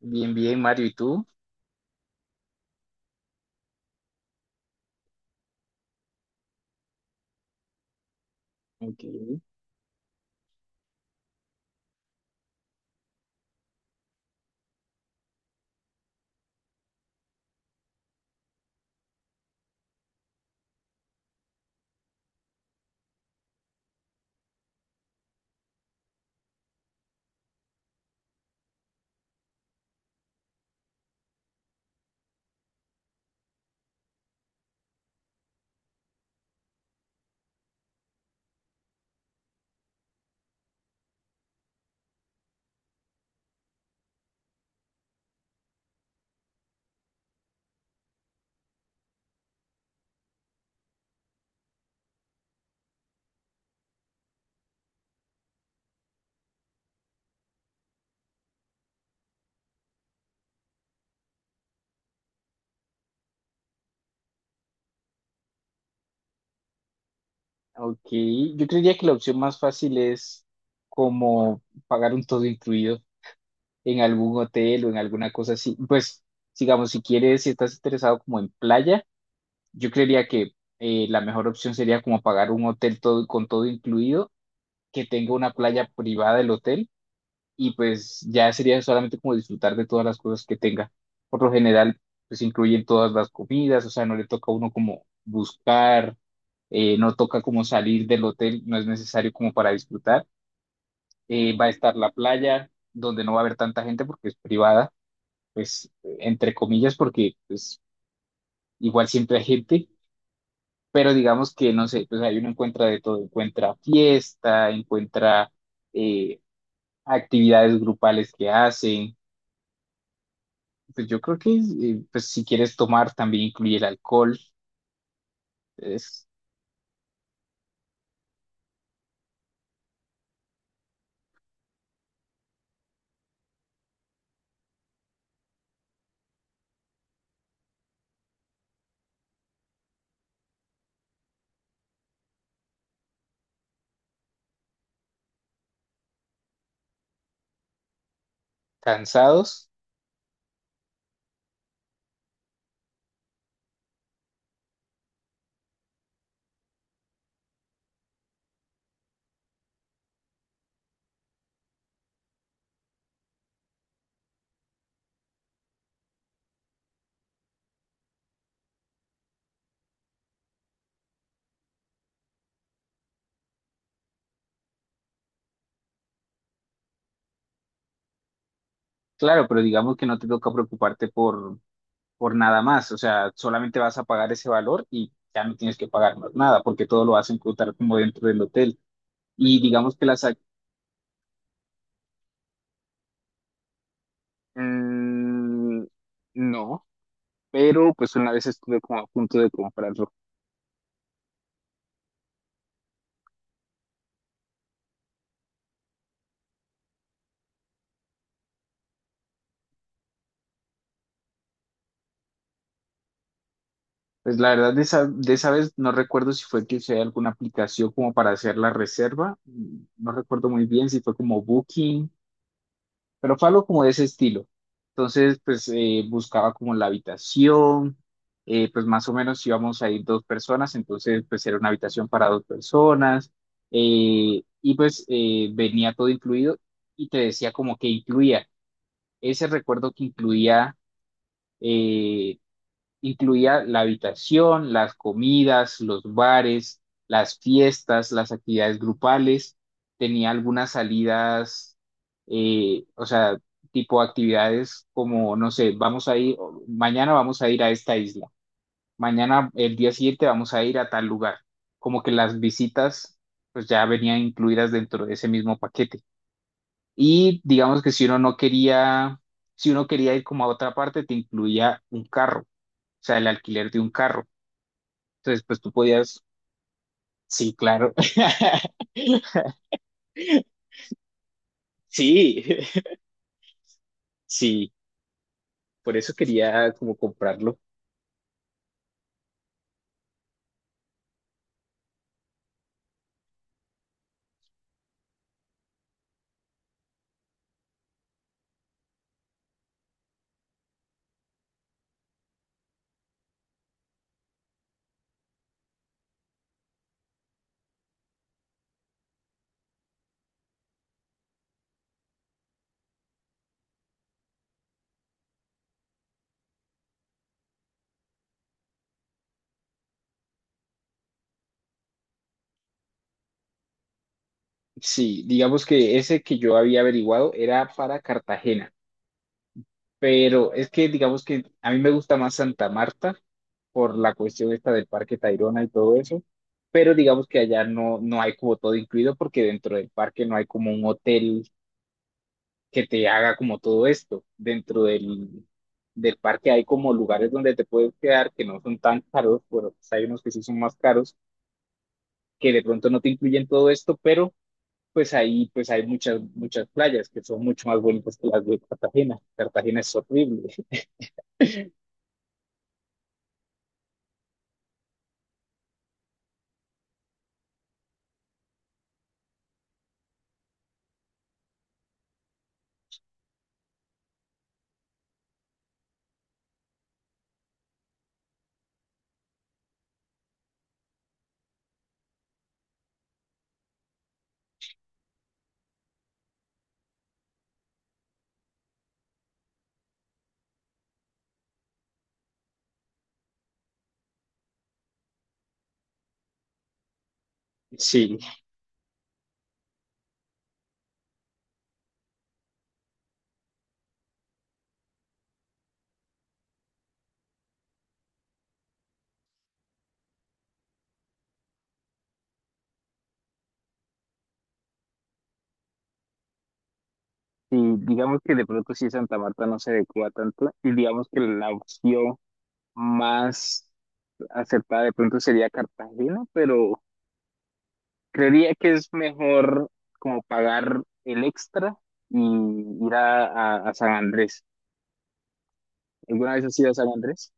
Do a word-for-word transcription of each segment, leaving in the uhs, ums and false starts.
Bien, bien, Mario, ¿y tú? Ok, ok. Yo creería que la opción más fácil es como pagar un todo incluido en algún hotel o en alguna cosa así. Pues, digamos, si quieres, si estás interesado como en playa, yo creería que eh, la mejor opción sería como pagar un hotel todo, con todo incluido, que tenga una playa privada del hotel. Y pues ya sería solamente como disfrutar de todas las cosas que tenga. Por lo general, pues incluyen todas las comidas, o sea, no le toca a uno como buscar, eh, no toca como salir del hotel, no es necesario como para disfrutar. Eh, va a estar la playa, donde no va a haber tanta gente porque es privada, pues eh, entre comillas, porque pues igual siempre hay gente, pero digamos que no sé, pues ahí uno encuentra de todo, encuentra fiesta, encuentra... eh, actividades grupales que hacen. Pues yo creo que eh, pues si quieres tomar también incluye el alcohol. Es cansados, claro, pero digamos que no te toca preocuparte por, por nada más. O sea, solamente vas a pagar ese valor y ya no tienes que pagar más nada porque todo lo vas a encontrar como dentro del hotel. Y digamos que las... ac- mm, no, pero pues una vez estuve como a punto de comprarlo. Pues la verdad de esa, de esa vez no recuerdo si fue que usé alguna aplicación como para hacer la reserva. No recuerdo muy bien si fue como Booking, pero fue algo como de ese estilo. Entonces, pues eh, buscaba como la habitación, eh, pues más o menos íbamos a ir dos personas, entonces pues era una habitación para dos personas, eh, y pues eh, venía todo incluido y te decía como que incluía ese recuerdo que incluía eh, incluía la habitación, las comidas, los bares, las fiestas, las actividades grupales. Tenía algunas salidas, eh, o sea, tipo actividades como, no sé, vamos a ir, mañana vamos a ir a esta isla, mañana el día siguiente vamos a ir a tal lugar. Como que las visitas pues ya venían incluidas dentro de ese mismo paquete. Y digamos que si uno no quería, si uno quería ir como a otra parte, te incluía un carro, o sea, el alquiler de un carro. Entonces, pues tú podías, sí, claro. Sí, sí, por eso quería como comprarlo. Sí, digamos que ese que yo había averiguado era para Cartagena, pero es que digamos que a mí me gusta más Santa Marta por la cuestión esta del Parque Tayrona y todo eso, pero digamos que allá no, no hay como todo incluido porque dentro del parque no hay como un hotel que te haga como todo esto. Dentro del, del parque hay como lugares donde te puedes quedar que no son tan caros, pero pues hay unos que sí son más caros, que de pronto no te incluyen todo esto, pero pues ahí pues hay muchas, muchas playas que son mucho más bonitas que las de Cartagena. Cartagena es horrible. Sí, y digamos que de pronto sí Santa Marta no se adecua tanto y digamos que la opción más acertada de pronto sería Cartagena, pero creería que es mejor como pagar el extra y ir a, a, a San Andrés. ¿Alguna vez has ido a San Andrés?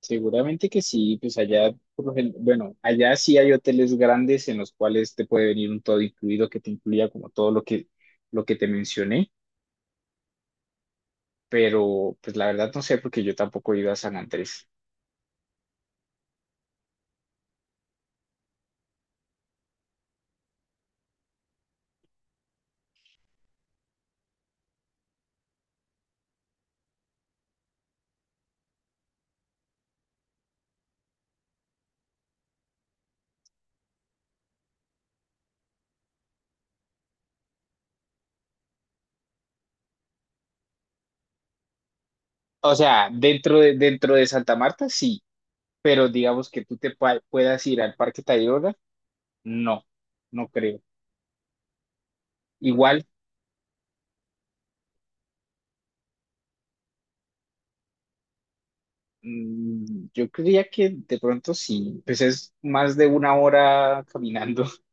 Seguramente que sí, pues allá, por lo gen- bueno, allá sí hay hoteles grandes en los cuales te puede venir un todo incluido que te incluya como todo lo que, lo que te mencioné, pero pues la verdad no sé porque yo tampoco he ido a San Andrés. O sea, dentro de, dentro de Santa Marta sí, pero digamos que tú te pua- puedas ir al Parque Tayrona, no, no creo. Igual Mm, yo creía que de pronto sí, pues es más de una hora caminando.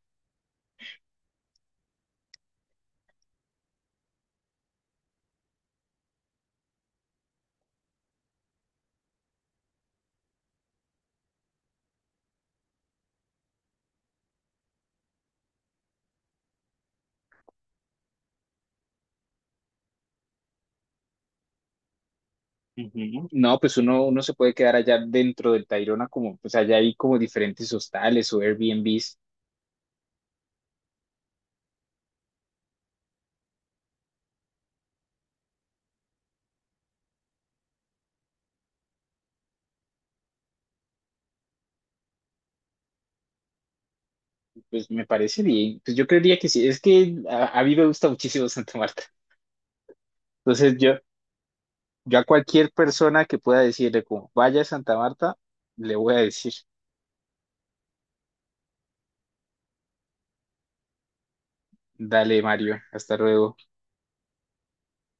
Ujú. No, pues uno, uno se puede quedar allá dentro del Tayrona, como pues allá hay como diferentes hostales o Airbnbs, pues me parece bien. Pues yo creería que sí, es que a, a mí me gusta muchísimo Santa Marta. Entonces yo, yo a cualquier persona que pueda decirle como vaya a Santa Marta, le voy a decir, dale Mario, hasta luego.